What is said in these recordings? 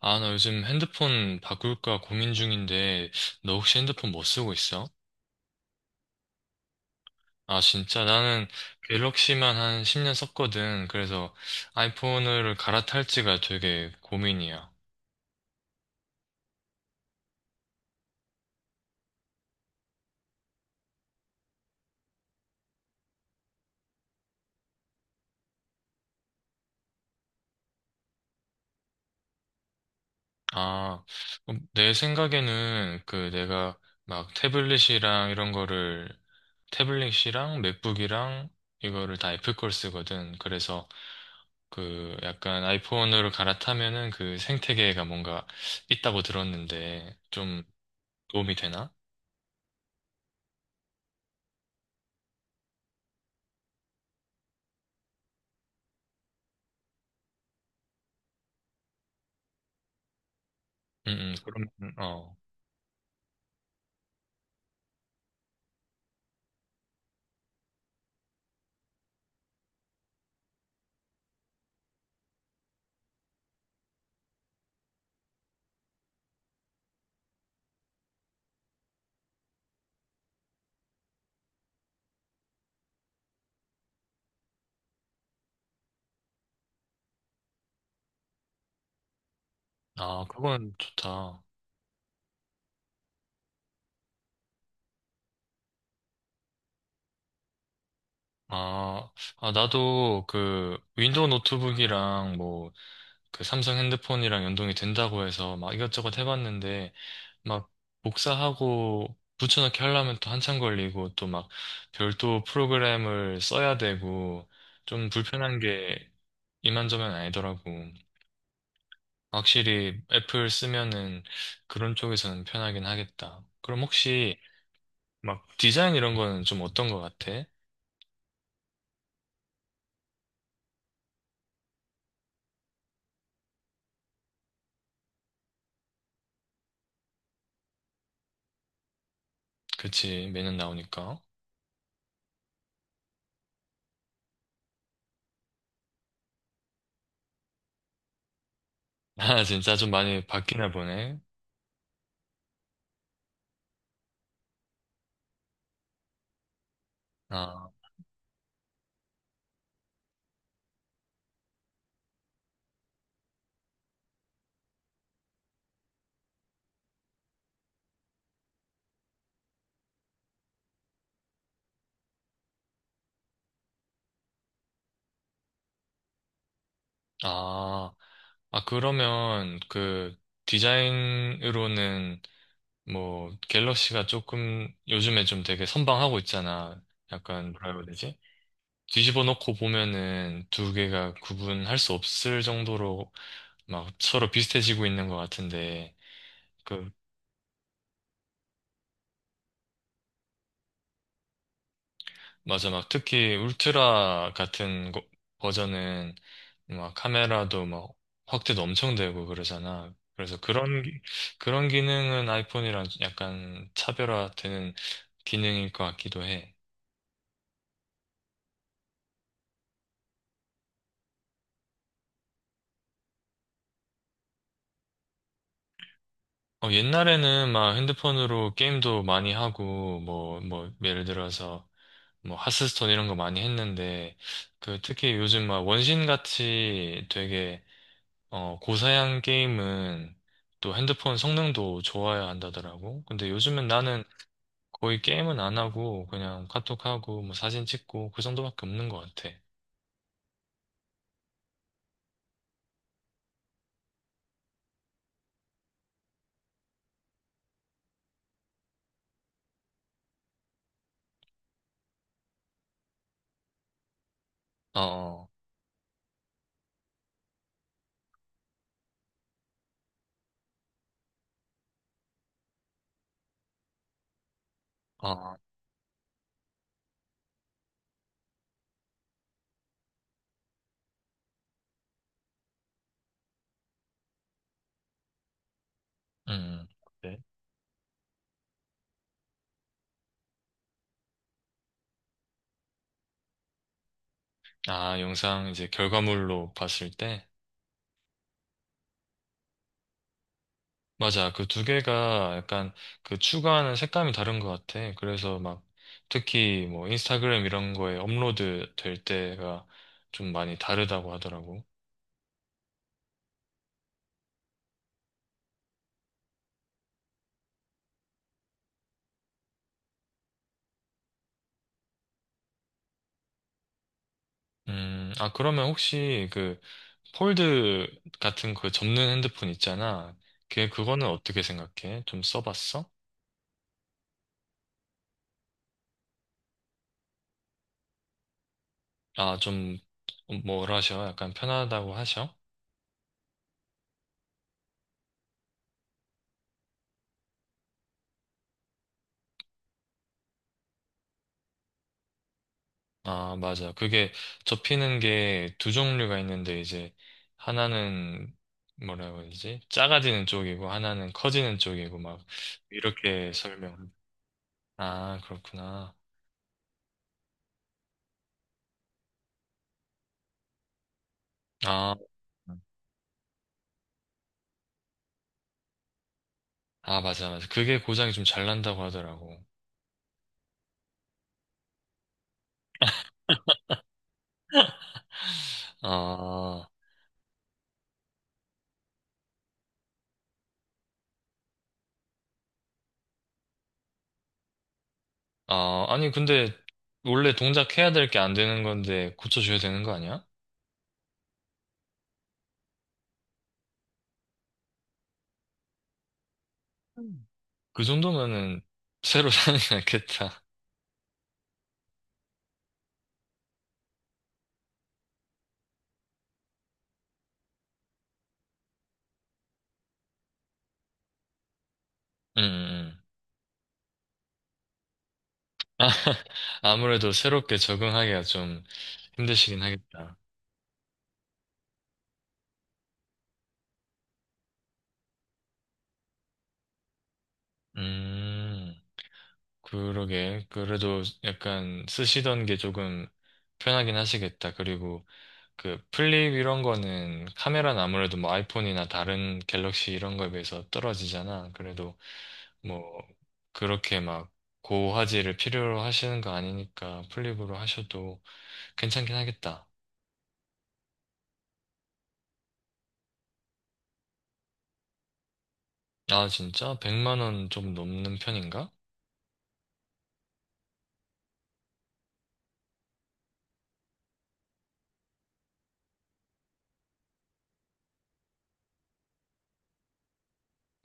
아, 나 요즘 핸드폰 바꿀까 고민 중인데, 너 혹시 핸드폰 뭐 쓰고 있어? 아, 진짜 나는 갤럭시만 한 10년 썼거든. 그래서 아이폰을 갈아탈지가 되게 고민이야. 아, 그럼 내 생각에는 그 내가 막 태블릿이랑 이런 거를, 태블릿이랑 맥북이랑 이거를 다 애플 걸 쓰거든. 그래서 그 약간 아이폰으로 갈아타면은 그 생태계가 뭔가 있다고 들었는데, 도움이 되나? 그러면, 어. 아, 그건 좋다. 아, 아, 나도 그 윈도우 노트북이랑 뭐 그 삼성 핸드폰이랑 연동이 된다고 해서 막 이것저것 해봤는데 막 복사하고 붙여넣기 하려면 또 한참 걸리고 또 막 별도 프로그램을 써야 되고 좀 불편한 게 이만저만 아니더라고. 확실히 애플 쓰면은 그런 쪽에서는 편하긴 하겠다. 그럼 혹시 막 디자인 이런 거는 좀 어떤 거 같아? 그치, 매년 나오니까. 아, 진짜 좀 많이 바뀌나 보네. 아, 아, 아, 그러면 그 디자인으로는 뭐 갤럭시가 조금 요즘에 좀 되게 선방하고 있잖아. 약간 뭐라 해야 되지? 뒤집어 놓고 보면은 두 개가 구분할 수 없을 정도로 막 서로 비슷해지고 있는 것 같은데. 그 맞아, 막 특히 울트라 같은 거- 버전은 막 카메라도 막 확대도 엄청 되고 그러잖아. 그래서 그런 기능은 아이폰이랑 약간 차별화되는 기능일 것 같기도 해. 어, 옛날에는 막 핸드폰으로 게임도 많이 하고 뭐 예를 들어서 뭐 하스스톤 이런 거 많이 했는데 그 특히 요즘 막 원신 같이 되게 어, 고사양 게임은 또 핸드폰 성능도 좋아야 한다더라고. 근데 요즘은 나는 거의 게임은 안 하고 그냥 카톡하고 뭐 사진 찍고 그 정도밖에 없는 것 같아. 어, 어, 어, 음. 네. 아, 영상 이제 결과물로 봤을 때? 맞아. 그 두 개가 약간 그 추구하는 색감이 다른 것 같아. 그래서 막 특히 뭐 인스타그램 이런 거에 업로드 될 때가 좀 많이 다르다고 하더라고. 아, 그러면 혹시 그 폴드 같은 그 접는 핸드폰 있잖아. 걔 그거는 어떻게 생각해? 좀 써봤어? 아, 좀, 뭐라 하셔? 약간 편하다고 하셔? 아, 맞아. 그게 접히는 게 두 종류가 있는데, 이제, 하나는, 뭐라고 그러지? 작아지는 쪽이고, 하나는 커지는 쪽이고, 막, 이렇게 설명. 아, 그렇구나. 아, 아, 맞아, 맞아. 그게 고장이 좀 잘 난다고 하더라고. 아. 아, 아니, 근데 원래 동작 해야 될 게 안 되는 건데 고쳐줘야 되는 거 아니야? 음. 그 정도면은 새로 사는 게 낫겠다. 음. 아무래도 새롭게 적응하기가 좀 힘드시긴 하겠다. 음, 그러게. 그래도 약간 쓰시던 게 조금 편하긴 하시겠다. 그리고 그 플립 이런 거는 카메라는 아무래도 뭐 아이폰이나 다른 갤럭시 이런 거에 비해서 떨어지잖아. 그래도 뭐 그렇게 막 고화질을 필요로 하시는 거 아니니까 플립으로 하셔도 괜찮긴 하겠다. 아, 진짜? 100만 원 좀 넘는 편인가?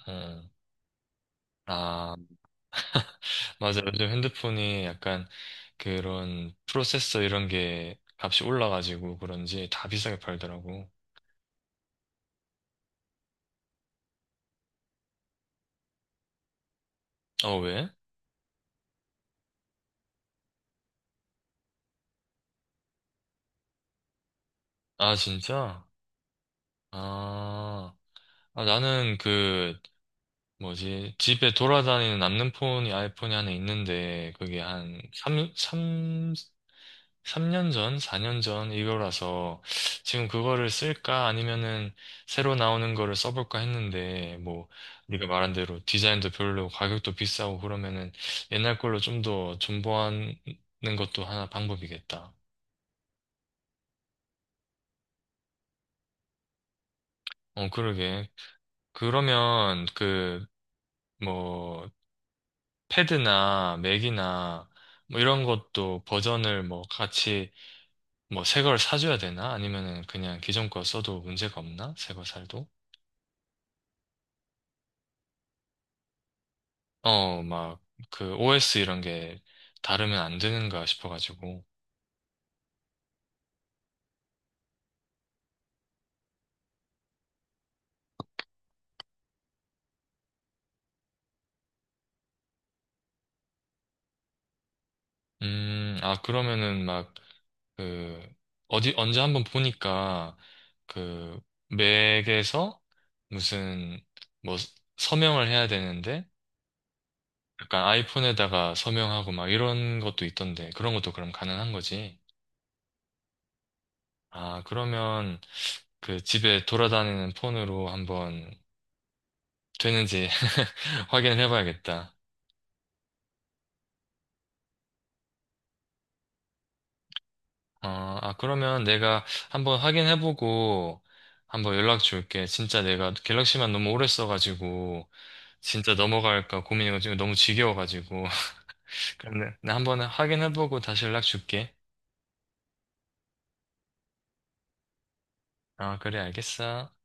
어. 아, 맞아. 요즘 핸드폰이 약간 그런 프로세서 이런 게 값이 올라가지고 그런지 다 비싸게 팔더라고. 어, 왜? 아, 진짜? 아. 아, 나는 그, 뭐지, 집에 돌아다니는 남는 폰이 아이폰이 하나 있는데, 그게 한 3, 삼삼 년 전, 4년 전 이거라서, 지금 그거를 쓸까 아니면은 새로 나오는 거를 써볼까 했는데, 뭐, 네가 말한 대로 디자인도 별로 가격도 비싸고 그러면은 옛날 걸로 좀 더 존버하는 것도 하나 방법이겠다. 어, 그러게. 그러면 그, 뭐, 패드나 맥이나 뭐 이런 것도 버전을 뭐 같이 뭐 새 걸 사줘야 되나? 아니면은 그냥 기존 거 써도 문제가 없나? 새 거 살도? 어, 막 그 OS 이런 게 다르면 안 되는가 싶어가지고. 아, 그러면은 막 그 어디 언제 한번 보니까 그 맥에서 무슨 뭐 서명을 해야 되는데 약간 아이폰에다가 서명하고 막 이런 것도 있던데 그런 것도 그럼 가능한 거지? 아, 그러면 그 집에 돌아다니는 폰으로 한번 되는지 확인을 해봐야겠다. 어, 아, 그러면 내가 한번 확인해보고 한번 연락 줄게. 진짜 내가 갤럭시만 너무 오래 써가지고 진짜 넘어갈까 고민이고 지금 너무 지겨워가지고. 근데 나 한번 확인해보고 다시 연락 줄게. 아, 그래, 알겠어.